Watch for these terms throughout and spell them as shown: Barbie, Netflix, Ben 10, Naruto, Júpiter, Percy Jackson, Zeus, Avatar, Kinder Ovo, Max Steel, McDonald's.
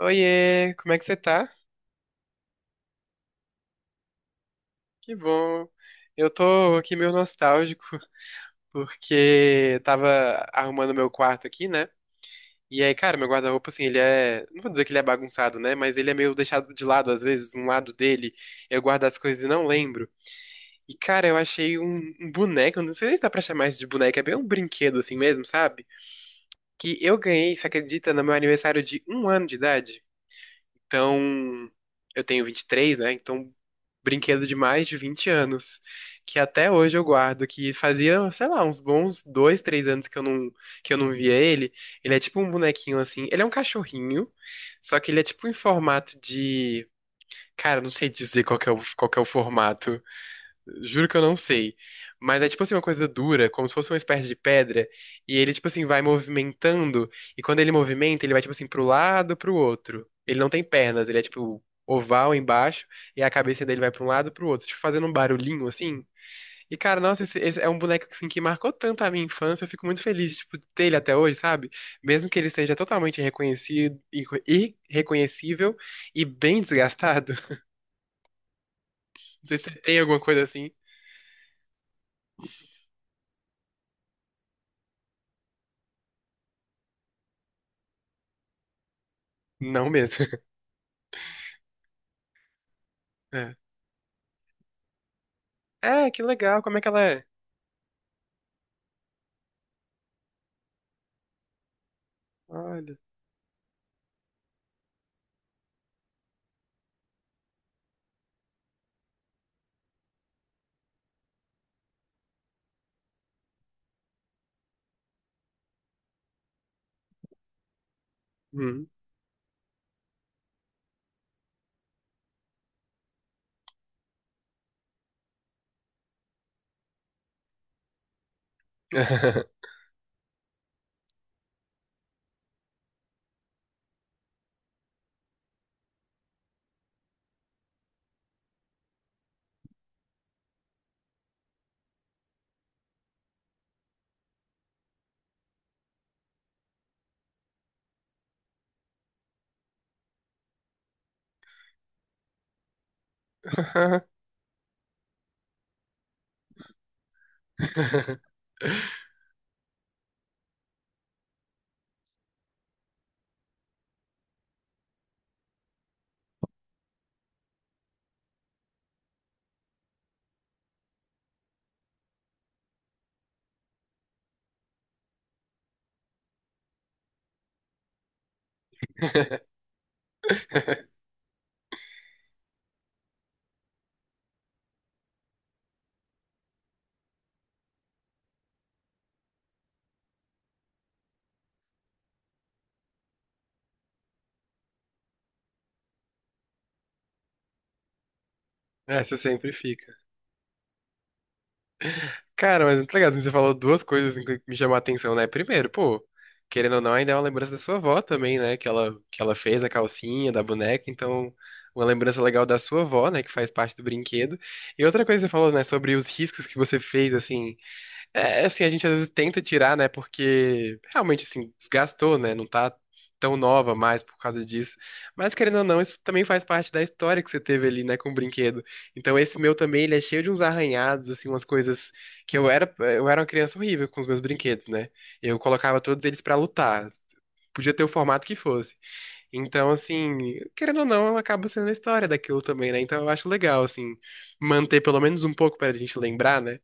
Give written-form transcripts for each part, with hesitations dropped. Oiê, como é que você tá? Que bom. Eu tô aqui meio nostálgico, porque tava arrumando meu quarto aqui, né? E aí, cara, meu guarda-roupa, assim, ele é. Não vou dizer que ele é bagunçado, né? Mas ele é meio deixado de lado, às vezes, um lado dele. Eu guardo as coisas e não lembro. E, cara, eu achei um boneco, eu não sei se dá pra chamar isso de boneco, é bem um brinquedo assim mesmo, sabe? Que eu ganhei, você acredita, no meu aniversário de um ano de idade? Então, eu tenho 23, né? Então, brinquedo de mais de 20 anos, que até hoje eu guardo, que fazia, sei lá, uns bons dois, três anos que eu não via ele. Ele é tipo um bonequinho assim, ele é um cachorrinho, só que ele é tipo em formato de, cara, eu não sei dizer qual que é o formato. Juro que eu não sei. Mas é tipo assim uma coisa dura, como se fosse uma espécie de pedra. E ele, tipo assim, vai movimentando. E quando ele movimenta, ele vai, tipo assim, pro lado, pro outro. Ele não tem pernas, ele é, tipo, oval embaixo. E a cabeça dele vai pra um lado, pro outro. Tipo, fazendo um barulhinho assim. E, cara, nossa, esse é um boneco assim, que marcou tanto a minha infância. Eu fico muito feliz, tipo, de ter ele até hoje, sabe? Mesmo que ele seja totalmente reconhecido, irreconhecível e bem desgastado. Não sei se você tem alguma coisa assim. Não mesmo. É, que legal. Como é que ela é? Olha. Hum. Essa sempre fica. Cara, mas muito legal. Assim, você falou duas coisas assim, que me chamou a atenção, né? Primeiro, pô, querendo ou não, ainda é uma lembrança da sua avó também, né? Que ela fez a calcinha da boneca. Então, uma lembrança legal da sua avó, né? Que faz parte do brinquedo. E outra coisa que você falou, né? Sobre os riscos que você fez, assim. É, é assim, a gente às vezes tenta tirar, né? Porque realmente, assim, desgastou, né? Não tá tão nova mais por causa disso. Mas, querendo ou não, isso também faz parte da história que você teve ali, né? Com o brinquedo. Então, esse meu também, ele é cheio de uns arranhados, assim, umas coisas que eu era uma criança horrível com os meus brinquedos, né? Eu colocava todos eles pra lutar. Podia ter o formato que fosse. Então, assim, querendo ou não, acaba sendo a história daquilo também, né? Então, eu acho legal, assim, manter pelo menos um pouco pra gente lembrar, né?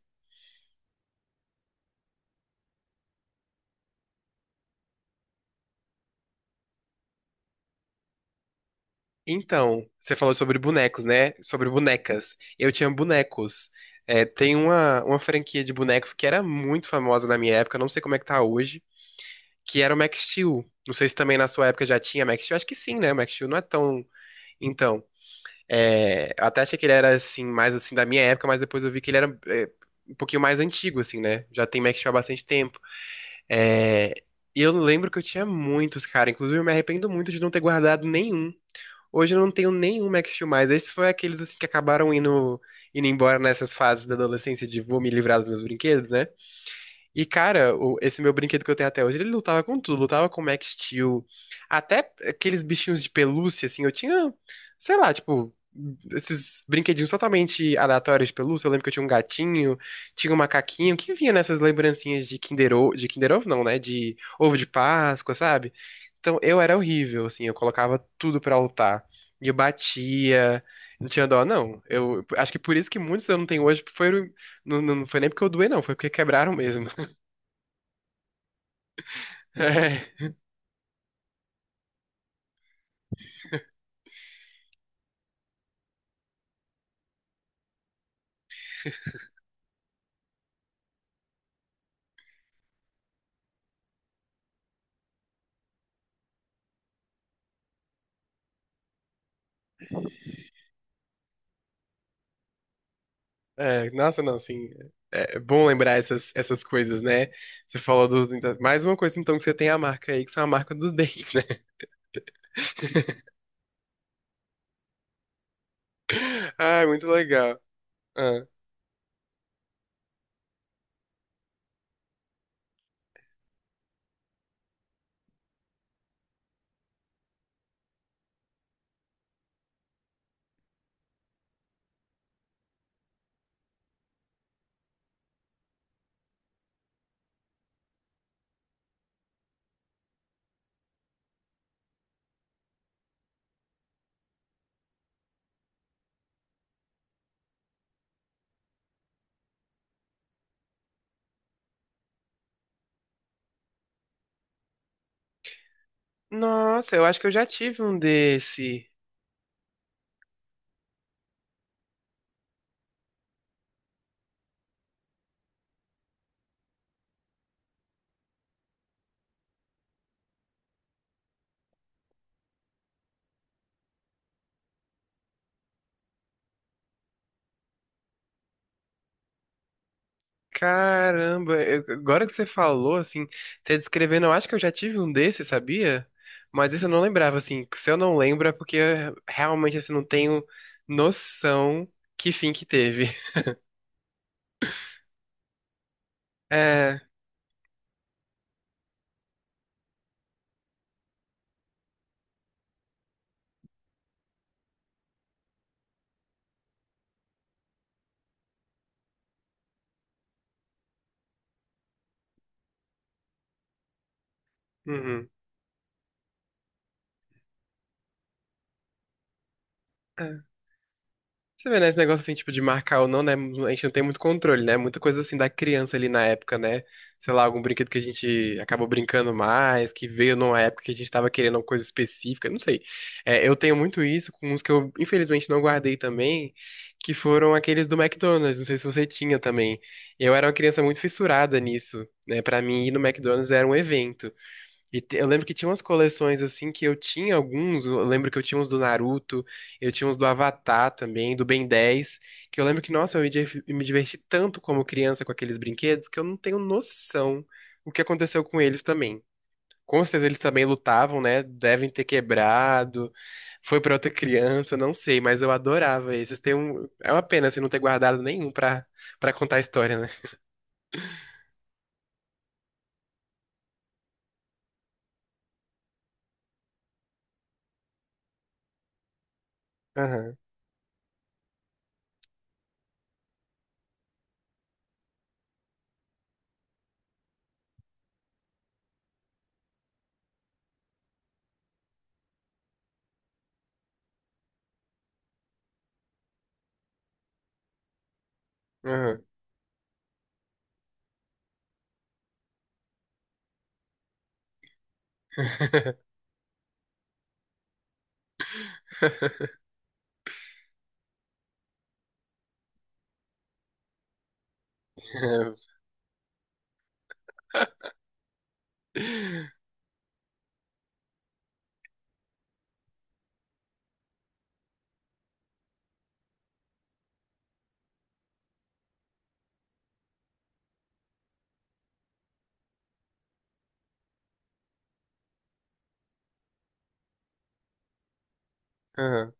Então, você falou sobre bonecos, né? Sobre bonecas. Eu tinha bonecos. É, tem uma franquia de bonecos que era muito famosa na minha época, não sei como é que tá hoje, que era o Max Steel. Não sei se também na sua época já tinha Max Steel. Acho que sim, né? O Max Steel não é tão. Então, é, eu até achei que ele era assim, mais assim da minha época, mas depois eu vi que ele um pouquinho mais antigo, assim, né? Já tem Max Steel há bastante tempo. É, e eu lembro que eu tinha muitos, cara. Inclusive, eu me arrependo muito de não ter guardado nenhum. Hoje eu não tenho nenhum Max Steel mais. Esses foi aqueles assim, que acabaram indo embora nessas fases da adolescência de vou me livrar dos meus brinquedos, né? E, cara, esse meu brinquedo que eu tenho até hoje, ele lutava com tudo, lutava com Max Steel, até aqueles bichinhos de pelúcia, assim, eu tinha, sei lá, tipo, esses brinquedinhos totalmente aleatórios de pelúcia, eu lembro que eu tinha um gatinho, tinha um macaquinho, que vinha nessas lembrancinhas de Kinder Ovo não, né, de ovo de Páscoa, sabe? Então, eu era horrível, assim, eu colocava tudo pra lutar, e eu batia. Não tinha dó, não. Eu acho que por isso que muitos eu não tenho hoje foi, não, não foi nem porque eu doei, não. Foi porque quebraram mesmo. É, nossa, não, assim, é é bom lembrar essas coisas, né? Você falou dos. Mais uma coisa, então, que você tem a marca aí, que são a marca dos dentes, né? Ah, muito legal. Ah. Nossa, eu acho que eu já tive um desse. Caramba, agora que você falou, assim, você descrevendo, eu acho que eu já tive um desse, sabia? Mas isso eu não lembrava, assim. Se eu não lembro, é porque eu realmente, assim, não tenho noção que fim que teve. É. Uhum. É. Você vê, né, esse negócio assim, tipo, de marcar ou não, né? A gente não tem muito controle, né? Muita coisa assim da criança ali na época, né? Sei lá, algum brinquedo que a gente acabou brincando mais, que veio numa época que a gente tava querendo uma coisa específica, não sei. É, eu tenho muito isso com uns que eu, infelizmente, não guardei também, que foram aqueles do McDonald's, não sei se você tinha também. Eu era uma criança muito fissurada nisso, né? Pra mim, ir no McDonald's era um evento. E eu lembro que tinha umas coleções assim que eu tinha alguns, eu lembro que eu tinha uns do Naruto, eu tinha uns do Avatar também, do Ben 10, que eu lembro que, nossa, eu me diverti tanto como criança com aqueles brinquedos que eu não tenho noção o que aconteceu com eles também. Com certeza eles também lutavam, né? Devem ter quebrado, foi pra outra criança, não sei, mas eu adorava esses. Tem um. É uma pena assim, não ter guardado nenhum pra, pra contar a história, né? Aham, aham. Aham.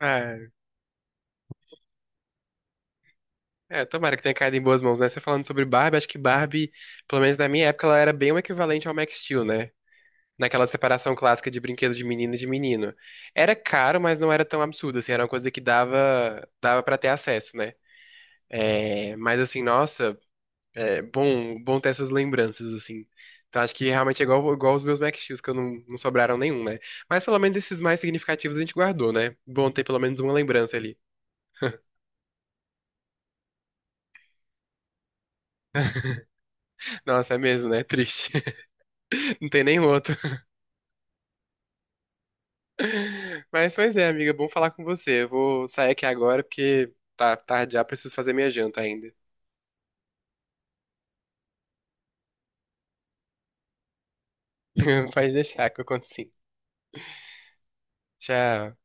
Ah, é, tomara que tenha caído em boas mãos, né? Você falando sobre Barbie, acho que Barbie, pelo menos na minha época, ela era bem o equivalente ao Max Steel, né? Naquela separação clássica de brinquedo de menino e de menino. Era caro, mas não era tão absurdo, assim, era uma coisa que dava, dava para ter acesso, né? É, mas assim, nossa, é bom, bom ter essas lembranças, assim. Então acho que realmente é igual, igual os meus Max Steels, que eu não sobraram nenhum, né? Mas pelo menos esses mais significativos a gente guardou, né? Bom ter pelo menos uma lembrança ali. Nossa, é mesmo, né? Triste. Não tem nenhum outro. Mas, pois é, amiga, bom falar com você. Eu vou sair aqui agora porque tá tarde já, preciso fazer minha janta ainda. Pode deixar que eu conto sim. Tchau.